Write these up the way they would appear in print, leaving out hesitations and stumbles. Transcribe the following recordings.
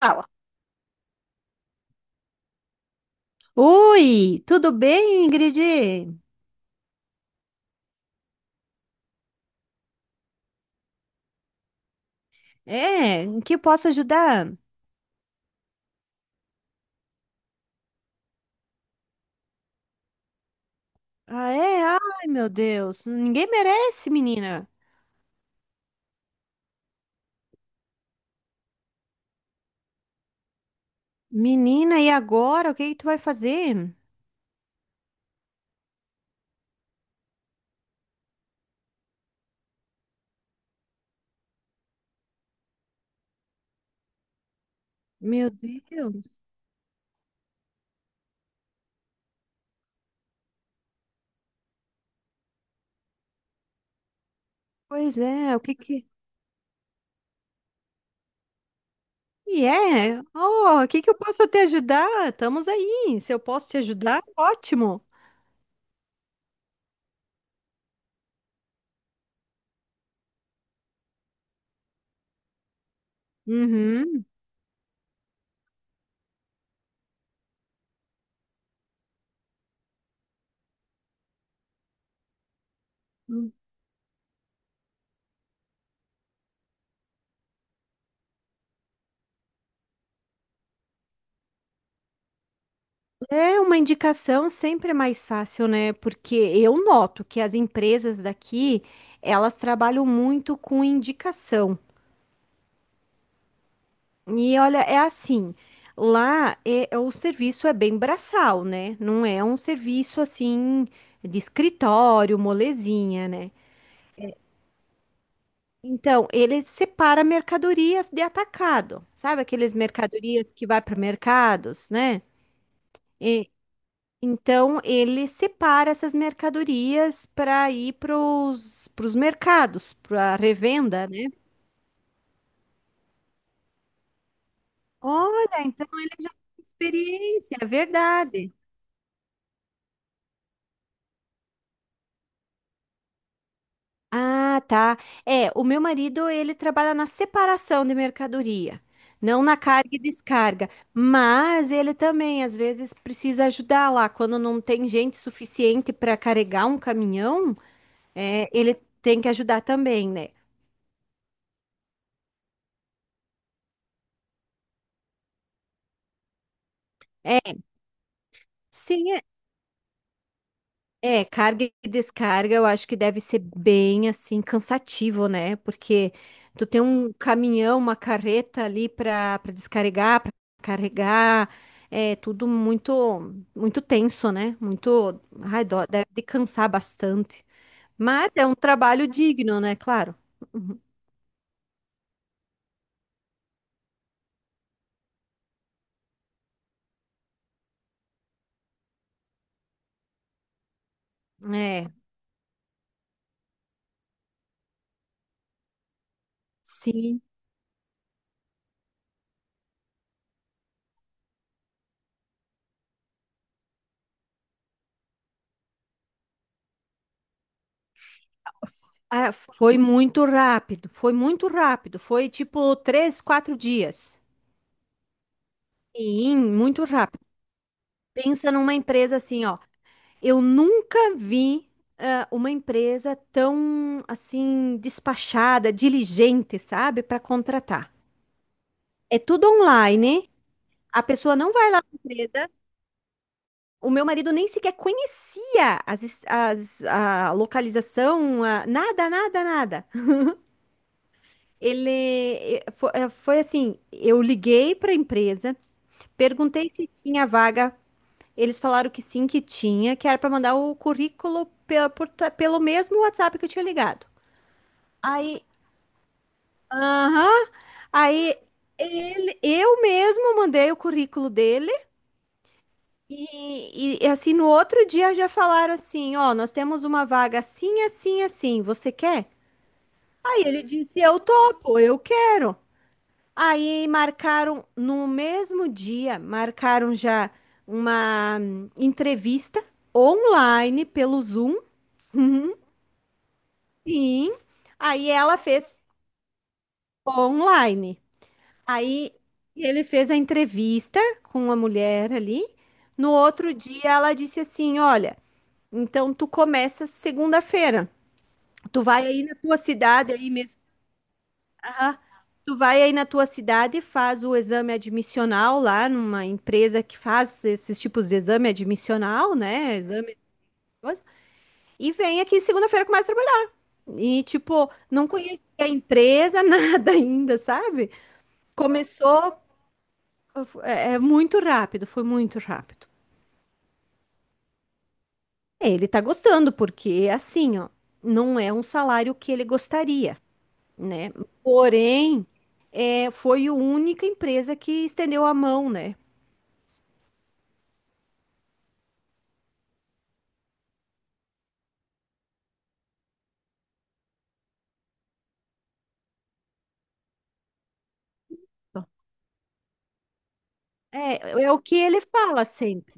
Fala. Oi, tudo bem, Ingrid? É, em que posso ajudar? Ah, é? Ai, meu Deus, ninguém merece, menina. Menina, e agora? O que que tu vai fazer? Meu Deus. Pois é, o que que... E é? Oh, o que que eu posso te ajudar? Estamos aí. Se eu posso te ajudar, ótimo. Uhum. É uma indicação sempre é mais fácil, né? Porque eu noto que as empresas daqui, elas trabalham muito com indicação. E olha, é assim, lá é o serviço é bem braçal, né? Não é um serviço assim de escritório, molezinha, né? Então, ele separa mercadorias de atacado, sabe aqueles mercadorias que vai para mercados, né? Então, ele separa essas mercadorias para ir para os mercados, para revenda, né? Olha, então ele já tem experiência, é verdade. Ah, tá. É, o meu marido, ele trabalha na separação de mercadoria, não na carga e descarga, mas ele também às vezes precisa ajudar lá quando não tem gente suficiente para carregar um caminhão, é, ele tem que ajudar também, né? É, sim, é. É, carga e descarga eu acho que deve ser bem assim cansativo, né? Porque tu tem um caminhão, uma carreta ali para descarregar, para carregar, é tudo muito muito tenso, né? Muito, ai, dó, deve de cansar bastante. Mas é um trabalho digno, né? Claro. Uhum. É, sim. Ah, foi muito rápido, foi muito rápido, foi tipo 3, 4 dias. Sim, muito rápido. Pensa numa empresa assim, ó. Eu nunca vi uma empresa tão assim despachada, diligente, sabe, para contratar. É tudo online. A pessoa não vai lá na empresa. O meu marido nem sequer conhecia a localização, nada, nada, nada. Ele foi, assim, eu liguei para a empresa, perguntei se tinha vaga. Eles falaram que sim, que tinha, que era para mandar o currículo pelo mesmo WhatsApp que eu tinha ligado. Aí, aham, aí eu mesmo mandei o currículo dele e, assim, no outro dia já falaram assim, ó, nós temos uma vaga assim, assim, assim, você quer? Aí ele disse, eu topo, eu quero. Aí marcaram no mesmo dia, marcaram já uma entrevista online pelo Zoom. Sim. Aí ela fez online. Aí ele fez a entrevista com a mulher ali. No outro dia ela disse assim: Olha, então tu começa segunda-feira. Tu vai aí na tua cidade aí mesmo. Aham. Tu vai aí na tua cidade, faz o exame admissional lá numa empresa que faz esses tipos de exame admissional, né? Exame, coisa, e vem aqui segunda-feira começa a trabalhar. E tipo, não conhecia a empresa, nada ainda, sabe? Começou, é muito rápido, foi muito rápido. É, ele tá gostando, porque assim, ó, não é um salário que ele gostaria, né? Porém, é, foi a única empresa que estendeu a mão, né? É o que ele fala sempre.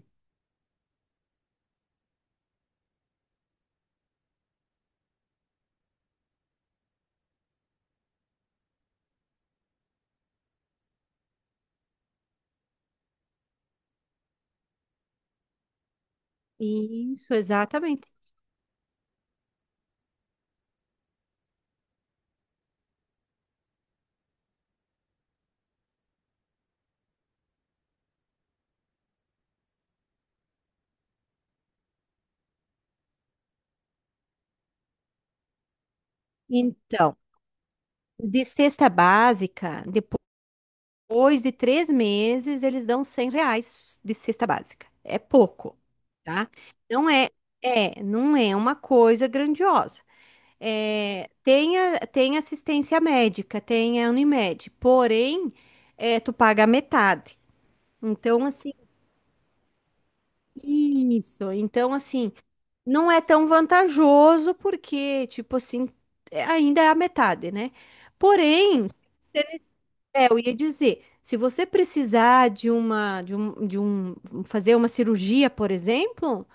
Isso, exatamente. Então, de cesta básica, depois de 3 meses, eles dão R$ 100 de cesta básica. É pouco, tá? Não é, não é uma coisa grandiosa. É, tem assistência médica, tem a Unimed, porém, é, tu paga a metade. Então, assim, isso. Então, assim, não é tão vantajoso porque, tipo assim, ainda é a metade, né? Porém, se você nece- é, eu ia dizer, se você precisar de uma, de um, fazer uma cirurgia, por exemplo,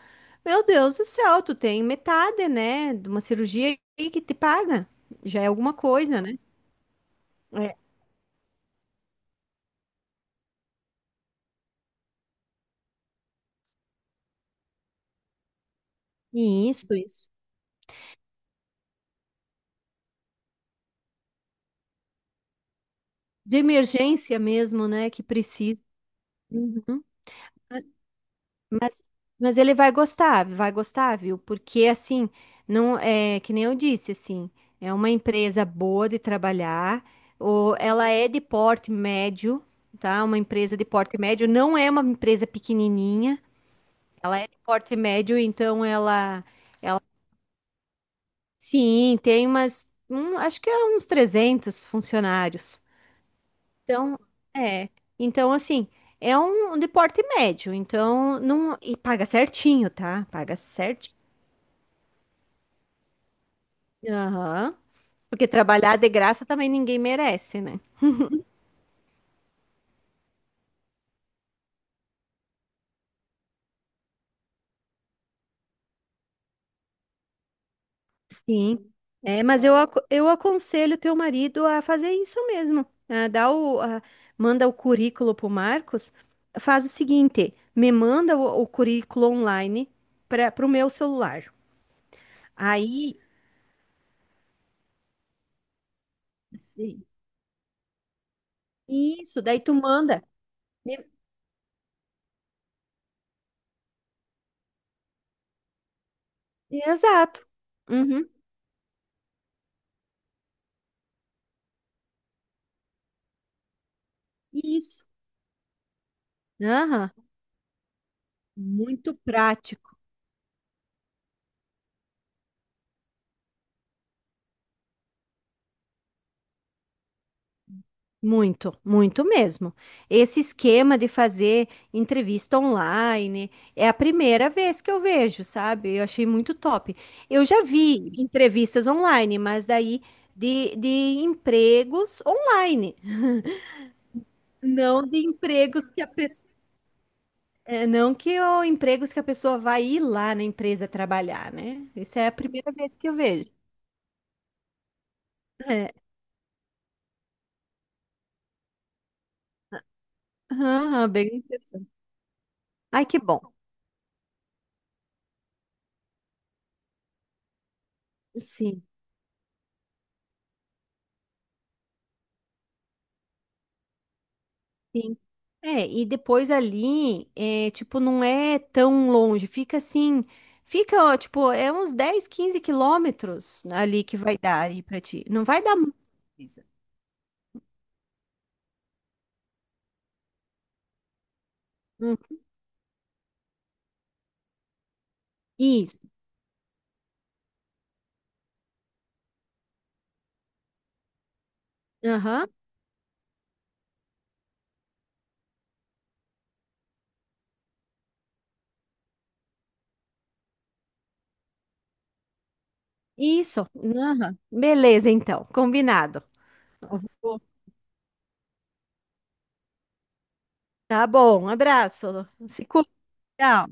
meu Deus do céu, tu tem metade, né, de uma cirurgia aí que te paga. Já é alguma coisa, né? É. Isso, isso. De emergência mesmo, né, que precisa. Uhum. Mas ele vai gostar, viu? Porque assim, não é que nem eu disse, assim, é uma empresa boa de trabalhar, ou ela é de porte médio, tá? Uma empresa de porte médio, não é uma empresa pequenininha, ela é de porte médio, então ela sim, tem acho que é uns 300 funcionários. Então, é, então assim, é um de porte médio, então não, e paga certinho, tá? Paga certinho. Aham. Porque trabalhar de graça também ninguém merece, né? Sim. É, mas eu aconselho teu marido a fazer isso mesmo. Ah, manda o currículo pro Marcos. Faz o seguinte, me manda o currículo online para pro meu celular. Aí, sim, isso, daí tu manda. Me- Exato. Uhum, isso. Aham, muito prático. Muito, muito mesmo. Esse esquema de fazer entrevista online é a primeira vez que eu vejo, sabe? Eu achei muito top. Eu já vi entrevistas online, mas daí de empregos online, não de empregos que a pessoa. Não que o empregos que a pessoa vai ir lá na empresa trabalhar, né? Isso é a primeira vez que eu vejo. É. Aham, bem interessante. Ai, que bom. Sim, sim. É, e depois ali, é, tipo, não é tão longe, fica assim, fica, ó, tipo, é uns 10, 15 km ali que vai dar aí pra ti. Não vai dar muita coisa. Hum, Isso, aham, isso, aham. Beleza, então, combinado. Eu vou- Tá bom, um abraço, se cuida. Tchau.